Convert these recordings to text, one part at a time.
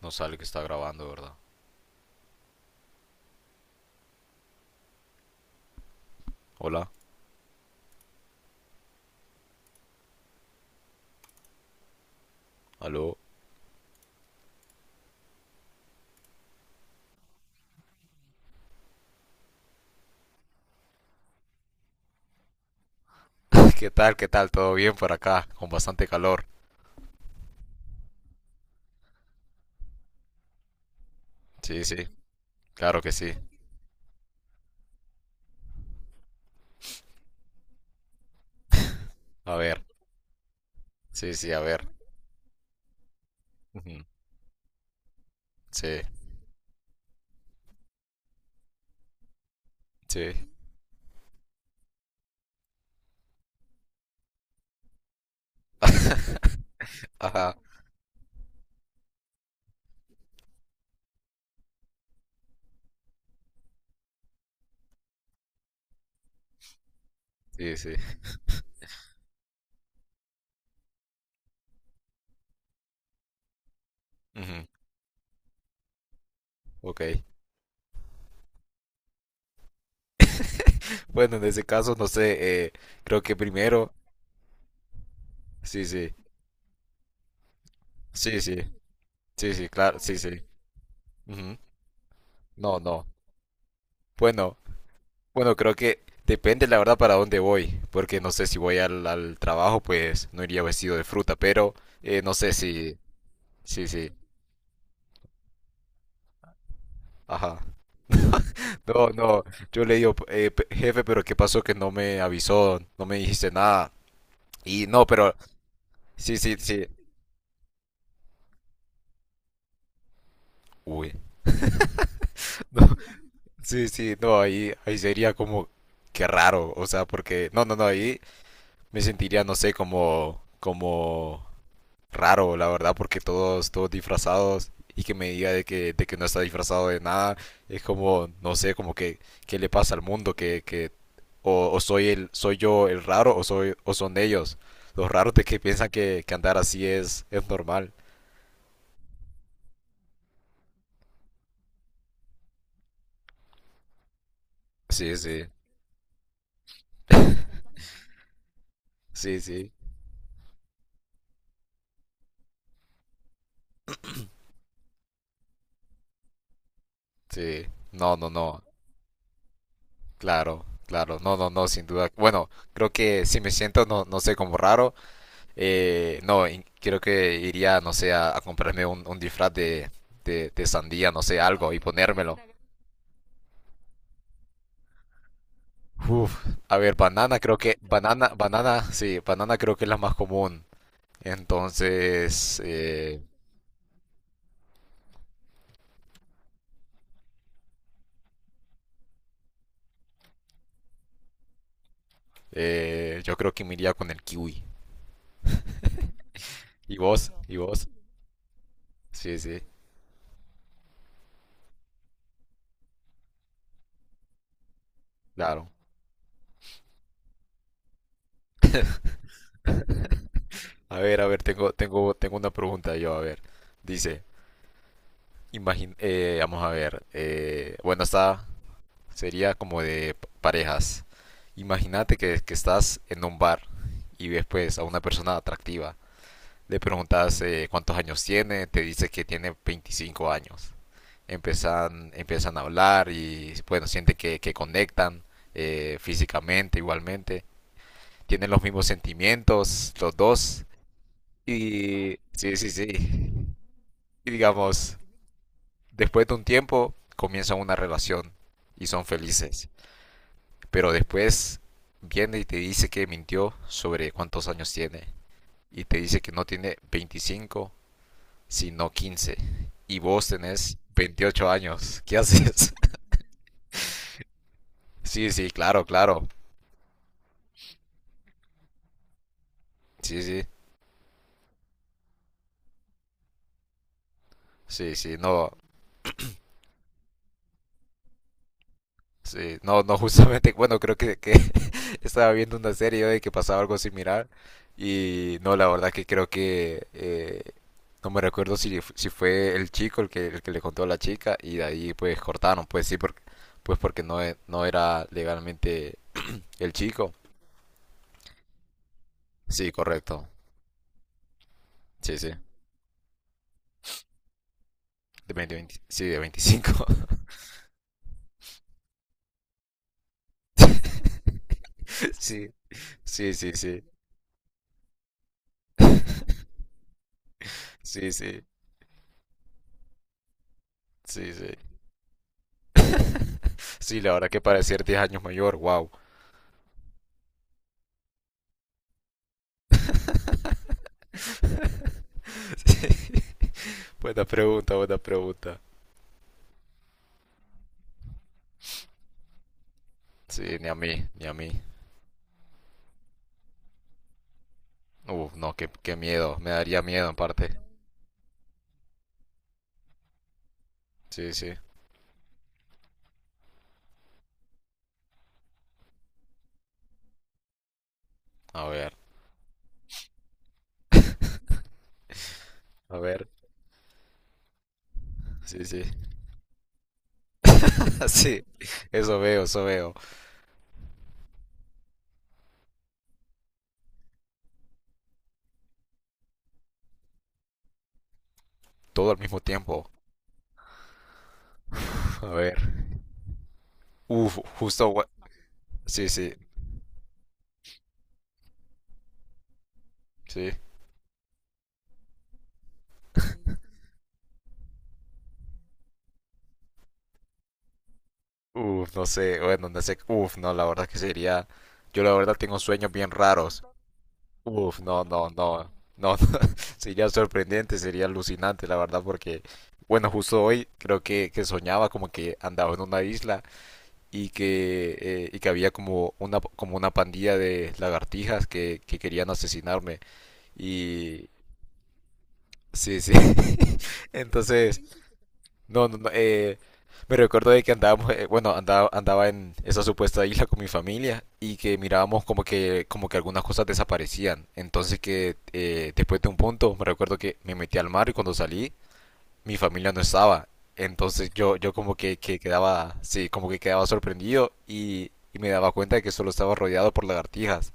No sale que está grabando, ¿verdad? Hola, aló. ¿Qué tal? ¿Qué tal? ¿Todo bien por acá? Con bastante calor. Sí, sí, claro que sí. A ver, sí, sí, a ver. Ujú, sí, sí. Ajá, sí, sí. Ujú, ok. Bueno, en ese caso, no sé, creo que primero. Sí, sí, sí, sí, sí, sí, claro, sí, sí. Ujú, no, no. Bueno. Bueno, creo que depende la verdad para dónde voy, porque no sé si voy al trabajo, pues no iría vestido de fruta, pero no sé si, sí, sí, ajá. No, no, yo le digo, pe- jefe, pero ¿qué pasó que no me avisó, no me dijiste nada? Y no, pero sí, sí, sí, uy, no, sí, sí, no, ahí, ahí sería como, qué raro, o sea, porque, no, no, no, ahí me sentiría, no sé, como, como raro, la verdad, porque todos, todos disfrazados y que me diga de que no está disfrazado de nada, es como, no sé, como que, ¿qué le pasa al mundo? Que, o soy el, soy yo el raro, o soy, o son ellos, los raros de que piensan que andar así es normal. Sí, sí, sí, sí, sí. No, no, no, claro, claro, no, no, no, sin duda. Bueno, creo que si me siento, no, no sé, como raro. No, in- creo que iría, no sé, a comprarme un disfraz de sandía, no sé, algo, y ponérmelo. Uf, a ver, banana creo que, banana, banana, sí, banana creo que es la más común. Entonces, yo creo que me iría con el kiwi. ¿Y vos? ¿Y vos? Sí, sí, claro. A ver, tengo una pregunta yo, a ver. Dice, imagín vamos a ver, bueno, está, sería como de p- parejas. Imagínate que estás en un bar y ves pues a una persona atractiva. Le preguntas cuántos años tiene, te dice que tiene 25 años. Empiezan a hablar y bueno, sienten que conectan físicamente igualmente. Tienen los mismos sentimientos los dos. Y sí, sí, sí. Y digamos, después de un tiempo comienzan una relación y son felices. Pero después viene y te dice que mintió sobre cuántos años tiene. Y te dice que no tiene 25, sino 15. Y vos tenés 28 años. ¿Qué haces? Sí, sí, claro, claro. Sí, sí. Sí, sí, no. Sí, no, no, justamente, bueno, creo que estaba viendo una serie yo de que pasaba algo similar y no, la verdad que creo que no me recuerdo si, f- si fue el chico el que le contó a la chica y de ahí pues cortaron, pues sí, porque, pues porque no, e- no era legalmente el chico. Sí, correcto. Sí, sí. De 20, 20 sí, de 25. Sí, sí, sí, sí. Sí, sí, sí, sí. sí, la verdad que parecer 10 años mayor, wow. Sí. Buena pregunta, buena pregunta. Sí, ni a mí, ni a mí. Uf, no, qué, qué miedo, me daría miedo en parte. Sí, sí. A ver, a ver. Sí, sí. Sí, eso veo, eso veo. Todo al mismo tiempo. A ver. Uf, justo. Gua- Sí, sí, sí. Uf, no sé, bueno, no sé. Uf, no, la verdad que sería. Yo la verdad tengo sueños bien raros. Uf, no, no, no, no, sería sorprendente, sería alucinante, la verdad, porque, bueno, justo hoy creo que soñaba como que andaba en una isla y que había como una pandilla de lagartijas que querían asesinarme y... Sí, sí. Entonces, no, no, no, me recuerdo de que andábamos, bueno, andaba en esa supuesta isla con mi familia y que mirábamos como que algunas cosas desaparecían. Entonces que después de un punto, me recuerdo que me metí al mar y cuando salí, mi familia no estaba. Entonces yo como que quedaba, sí, como que quedaba sorprendido y me daba cuenta de que solo estaba rodeado por lagartijas.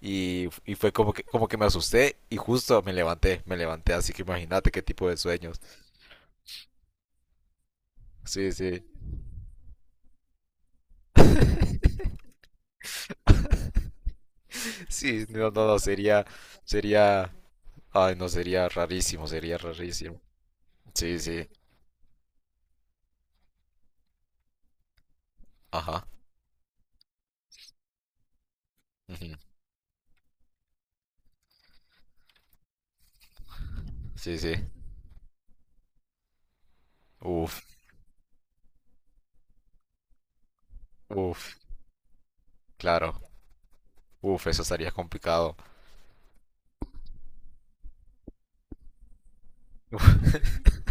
Y fue como que me asusté y justo me levanté, así que imagínate qué tipo de sueños. Sí, sí. Sí, no, no, no, sería, sería, ay, no, sería rarísimo, sería rarísimo. Sí, sí, ajá, ujú, sí, sí, uf, uf, claro, uf, eso estaría complicado.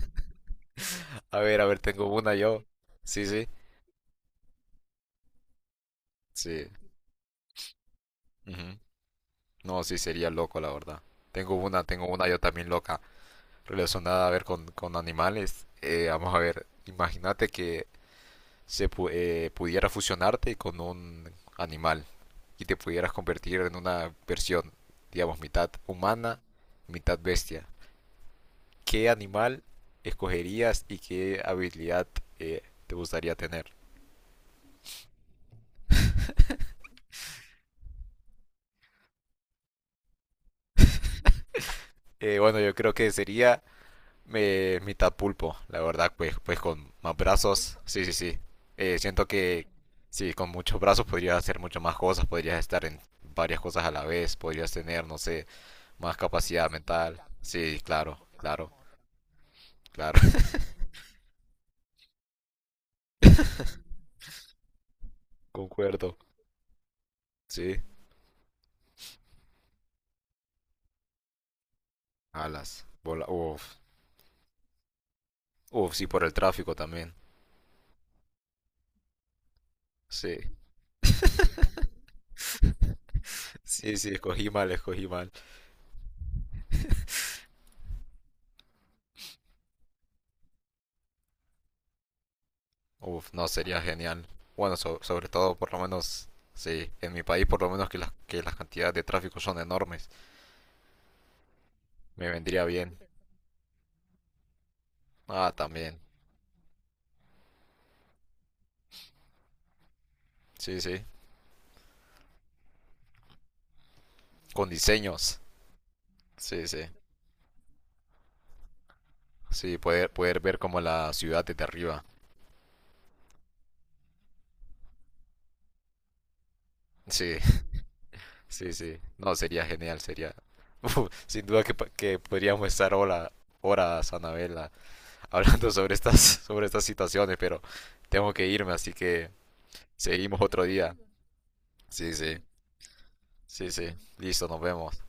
A ver, tengo una yo. Sí, sí, sí, ujú. No, sí, sería loco, la verdad. Tengo tengo una yo también loca, relacionada, a ver, con animales. Vamos a ver, imagínate que se pu- pudiera fusionarte con un animal. Y te pudieras convertir en una versión, digamos, mitad humana, mitad bestia, ¿qué animal escogerías y qué habilidad te gustaría tener? Bueno, yo creo que sería mitad pulpo, la verdad, pues, pues con más brazos, sí, sí, sí. Siento que sí, con muchos brazos podrías hacer muchas más cosas, podrías estar en varias cosas a la vez, podrías tener, no sé, más capacidad mental. Sí, claro, claro, claro. Concuerdo, sí. Alas. Bola, uf. Uf, sí, por el tráfico también. Sí. Sí, sí, escogí mal, escogí mal. Uf, no, sería genial. Bueno, so- sobre todo, por lo menos, sí, en mi país, por lo menos que las cantidades de tráfico son enormes. Me vendría bien. Ah, también. Sí, sí. Con diseños. Sí, sí. Sí, poder, poder ver como la ciudad desde arriba. Sí. Sí, sí. No, sería genial, sería. sin duda que, pa- que podríamos estar hola, horas, Anabela, hablando sobre estas, sobre estas situaciones, pero tengo que irme, así que seguimos otro día. Sí, sí, sí, sí. Listo, nos vemos.